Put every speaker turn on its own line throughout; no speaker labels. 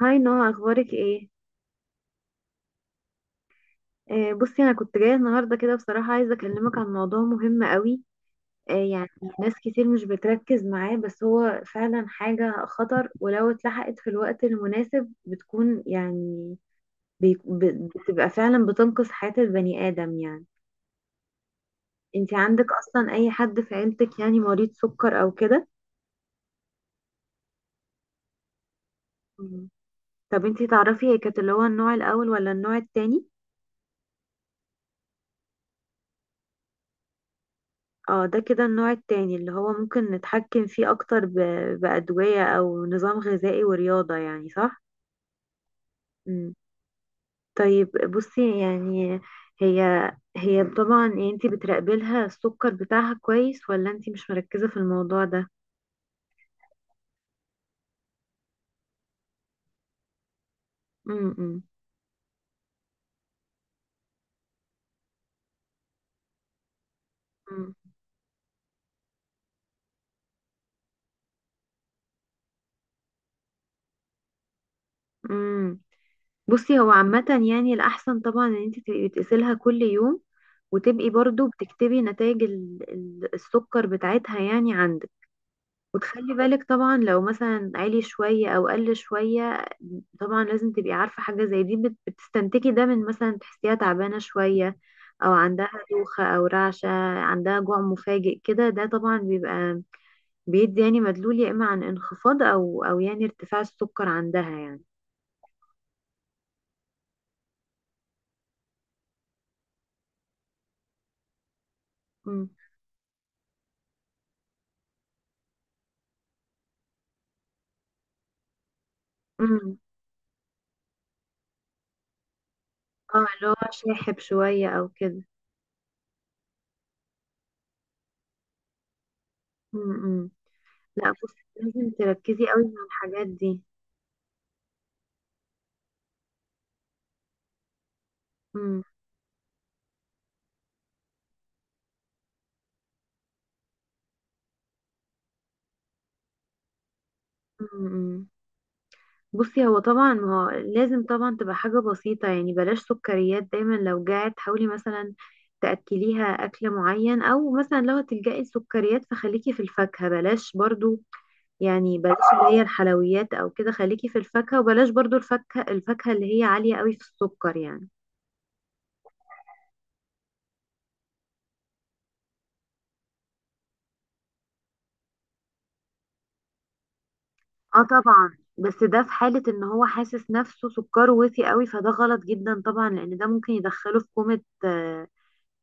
هاي نهى، اخبارك ايه؟ بصي انا كنت جايه النهارده كده بصراحه، عايزه اكلمك عن موضوع مهم قوي. آه يعني ناس كتير مش بتركز معاه، بس هو فعلا حاجه خطر، ولو اتلحقت في الوقت المناسب بتكون يعني بتبقى فعلا بتنقذ حياه البني ادم يعني. انتي عندك اصلا اي حد في عيلتك يعني مريض سكر او كده؟ مم. طب انتي تعرفي هي كانت اللي هو النوع الاول ولا النوع التاني؟ اه، ده كده النوع التاني اللي هو ممكن نتحكم فيه اكتر بأدوية او نظام غذائي ورياضة، يعني صح؟ مم. طيب بصي يعني هي هي طبعا يعني انتي بتراقبي لها السكر بتاعها كويس ولا انتي مش مركزة في الموضوع ده؟ امم. امم. بصي هو عامة يعني الأحسن طبعا ان انتي تبقي بتقيسيلها كل يوم، وتبقي برضو بتكتبي نتائج السكر بتاعتها يعني عندك. وتخلي بالك طبعا لو مثلا عالي شوية او قل شوية، طبعا لازم تبقي عارفة حاجة زي دي. بتستنتجي ده من مثلا تحسيها تعبانة شوية، او عندها دوخة او رعشة، عندها جوع مفاجئ كده. ده طبعا بيبقى بيدي يعني مدلول، يا اما عن انخفاض او يعني ارتفاع السكر عندها يعني. امم. امم. اه، اللي هو شاحب شوية او كده. امم. لا، بصي لازم تركزي قوي مع الحاجات دي. امم. امم. بصي هو طبعا ما هو لازم طبعا تبقى حاجة بسيطة، يعني بلاش سكريات. دايما لو جعت حاولي مثلا تأكليها أكل معين، أو مثلا لو هتلجأي السكريات فخليكي في الفاكهة، بلاش برضو يعني بلاش اللي هي الحلويات أو كده، خليكي في الفاكهة، وبلاش برضو الفاكهة، الفاكهة اللي هي عالية قوي في السكر يعني. اه طبعا، بس ده في حالة ان هو حاسس نفسه سكره وطي قوي، فده غلط جدا طبعا، لأن ده ممكن يدخله في كومة،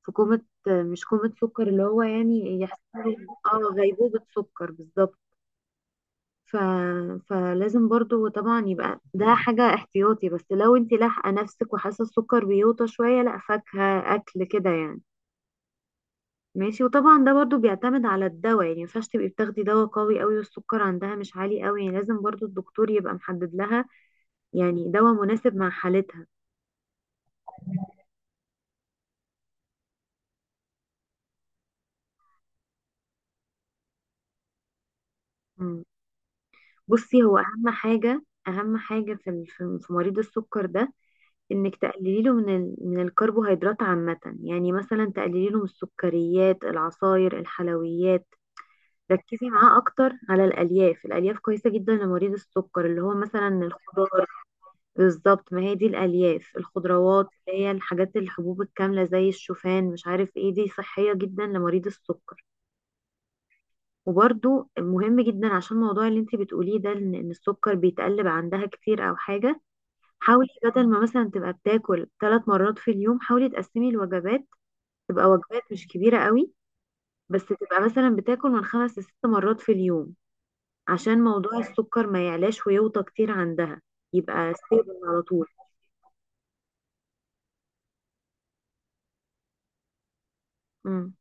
في كومة، مش كومة سكر اللي هو يعني يحسسك. اه، غيبوبة سكر بالظبط. ف... فلازم برضو طبعا يبقى ده حاجة احتياطي، بس لو انت لاحقة نفسك وحاسة السكر بيوطى شوية، لا، فاكهة، أكل كده يعني. ماشي. وطبعا ده برضو بيعتمد على الدواء، يعني مينفعش تبقي بتاخدي دواء قوي قوي والسكر عندها مش عالي قوي، يعني لازم برضو الدكتور يبقى محدد لها يعني دواء مناسب مع حالتها. مم. بصي هو أهم حاجة، أهم حاجة في ال- في في مريض السكر ده، انك تقللي له من الكربوهيدرات عامة، يعني مثلا تقللي له من السكريات، العصاير، الحلويات. ركزي معاه اكتر على الالياف، الالياف كويسة جدا لمريض السكر، اللي هو مثلا الخضار. بالظبط، ما هي دي الالياف، الخضروات اللي هي الحاجات، الحبوب الكاملة زي الشوفان، مش عارف ايه، دي صحية جدا لمريض السكر. وبرده مهم جدا عشان الموضوع اللي انت بتقوليه ده، ان إن السكر بيتقلب عندها كتير او حاجة، حاولي بدل ما مثلا تبقى بتاكل 3 مرات في اليوم، حاولي تقسمي الوجبات. تبقى وجبات مش كبيرة قوي، بس تبقى مثلا بتاكل من خمس لست مرات في اليوم، عشان موضوع السكر ما يعلاش ويوطى كتير عندها، يبقى ستيبل على طول. مم.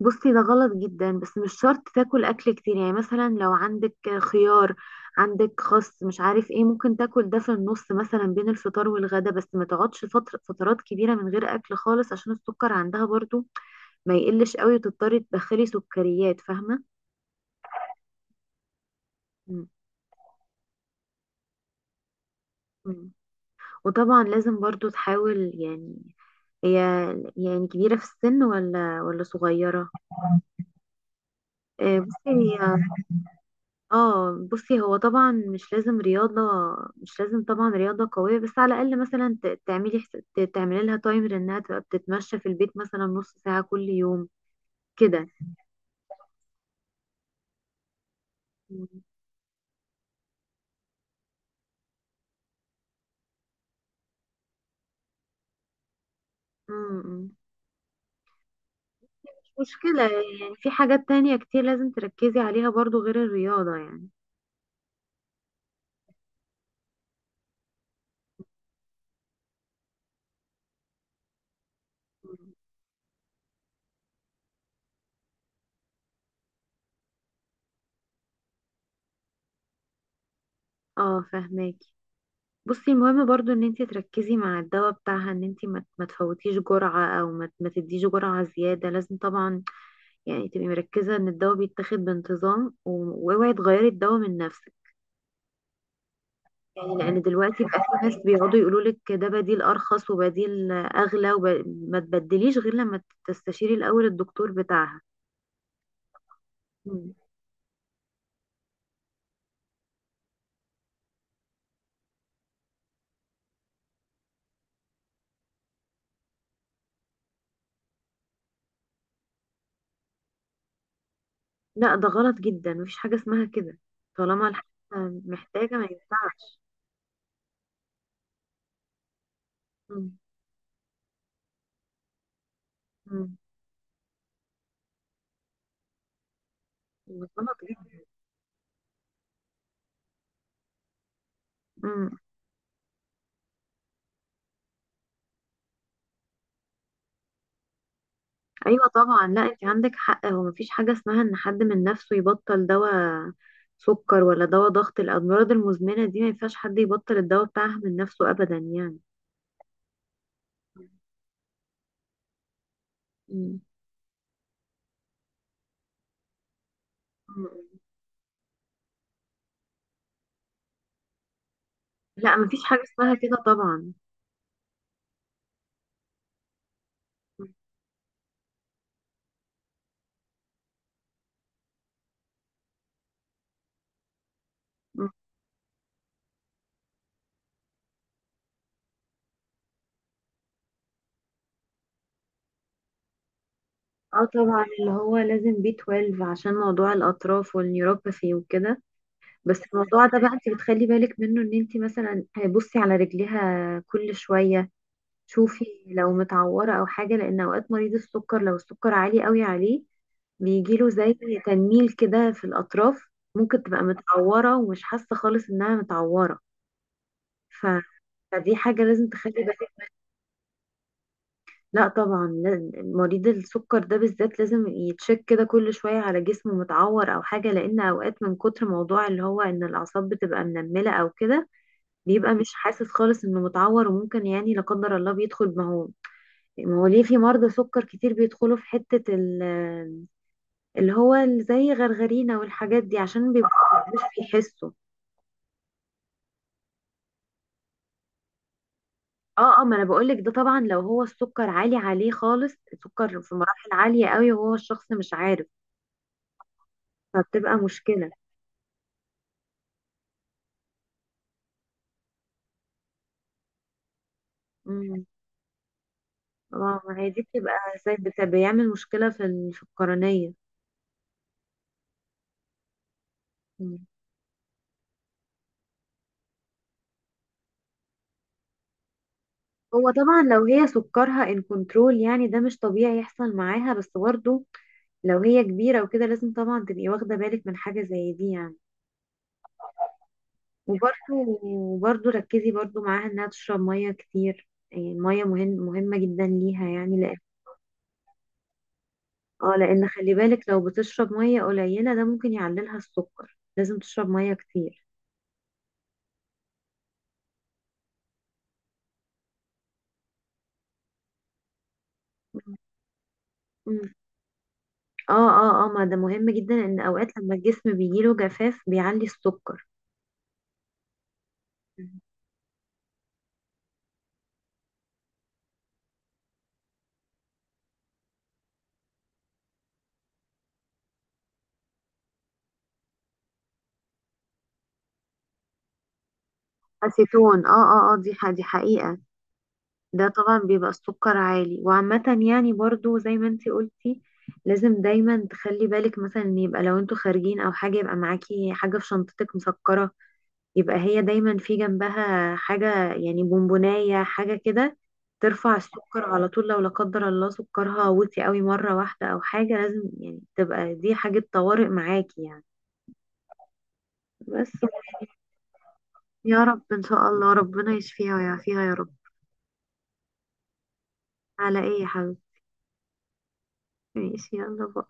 بصي ده غلط جدا، بس مش شرط تاكل اكل كتير، يعني مثلا لو عندك خيار، عندك خس، مش عارف ايه، ممكن تاكل ده في النص مثلا بين الفطار والغدا، بس ما تقعدش فترات كبيرة من غير اكل خالص، عشان السكر عندها برضو ما يقلش قوي وتضطري تدخلي سكريات، فاهمة؟ مم. مم. وطبعا لازم برضو تحاول يعني، هي يعني كبيرة في السن ولا صغيرة؟ بصي هي. اه، بصي هو طبعا مش لازم رياضة، مش لازم طبعا رياضة قوية، بس على الأقل مثلا تعملي لها تايمر انها تبقى بتتمشى في البيت مثلا نص ساعة كل يوم كده. مم. مم. مش مشكلة، يعني في حاجات تانية كتير لازم تركزي عليها برضو غير الرياضة يعني. اه، فهماكي. بصي المهم برضو ان انتي تركزي مع الدواء بتاعها، ان انتي ما تفوتيش جرعة، او ما تديش جرعة زيادة. لازم طبعا يعني تبقي مركزة ان الدواء بيتاخد بانتظام، و- واوعي تغيري الدواء من نفسك، يعني لان دلوقتي بقى في ناس بيقعدوا يقولولك ده بديل ارخص وبديل اغلى، وما تبدليش غير لما تستشيري الاول الدكتور بتاعها. مم. لا، ده غلط جدا، مفيش حاجة اسمها كده. طالما الحاجة محتاجة ما ينفعش. مم. مم. غلط جدا. مم. ايوه طبعا، لا، انت عندك حق، هو مفيش حاجه اسمها ان حد من نفسه يبطل دواء سكر ولا دواء ضغط. الامراض المزمنه دي ما ينفعش حد يبطل الدواء بتاعها من نفسه ابدا يعني. مم. لا، مفيش حاجه اسمها كده طبعا. مم. اه طبعا، اللي هو لازم بي B12 عشان موضوع الاطراف والنيوروباثي وكده. بس الموضوع ده بقى انت بتخلي بالك منه، ان انت مثلا بصي على رجليها كل شويه، شوفي لو متعورة أو حاجة، لأن أوقات مريض السكر لو السكر عالي قوي عليه بيجيله زي تنميل كده في الأطراف. ممكن تبقى متعورة ومش حاسة خالص إنها متعورة. ف... فدي حاجة لازم تخلي بالك. لا طبعا، مريض السكر ده بالذات لازم يتشك كده كل شوية على جسمه، متعور أو حاجة، لأن أوقات من كتر موضوع اللي هو إن الأعصاب بتبقى منملة أو كده، بيبقى مش حاسس خالص إنه متعور. وممكن يعني لا قدر الله بيدخل، ما هو، ما هو ليه في مرضى سكر كتير بيدخلوا في حتة زي غرغرينا والحاجات دي، عشان بيبقوا مش بيحسوا. اه اه ما انا بقولك ده طبعا لو هو السكر عالي عليه خالص، السكر في مراحل عالية قوي، وهو الشخص مش عارف، فبتبقى مشكلة. امم. طبعا ما هي دي بتبقى زي بيعمل مشكلة في ال- في القرنية. مم. هو طبعا لو هي سكرها ان كنترول يعني ده مش طبيعي يحصل معاها، بس برضه لو هي كبيرة وكده لازم طبعا تبقي واخدة بالك من حاجة زي دي يعني. وبرده، وبرده ركزي برده معاها انها تشرب ميه كتير، يعني الميه مهم مهمه جدا ليها يعني، لان اه، لان خلي بالك لو بتشرب ميه قليله ده ممكن يعللها السكر، لازم تشرب ميه كتير. مم. اه اه اه، ما ده مهم جدا، ان اوقات لما الجسم بيجيله جفاف بيعلي السكر. مم. اسيتون، اه اه اه، دي حقيقه. ده طبعا بيبقى السكر عالي. وعامة يعني برضو زي ما انتي قلتي، لازم دايما تخلي بالك مثلا ان يبقى لو انتوا خارجين او حاجة، يبقى معاكي حاجة في شنطتك مسكرة، يبقى هي دايما في جنبها حاجة يعني بونبوناية، حاجة كده ترفع السكر على طول، لو لا قدر الله سكرها وطي قوي مرة واحدة او حاجة. لازم يعني تبقى دي حاجة طوارئ معاكي يعني، بس. يا رب ان شاء الله ربنا يشفيها ويعافيها يا رب. على ايه يا حبيبتي؟ ماشي، يلا باي.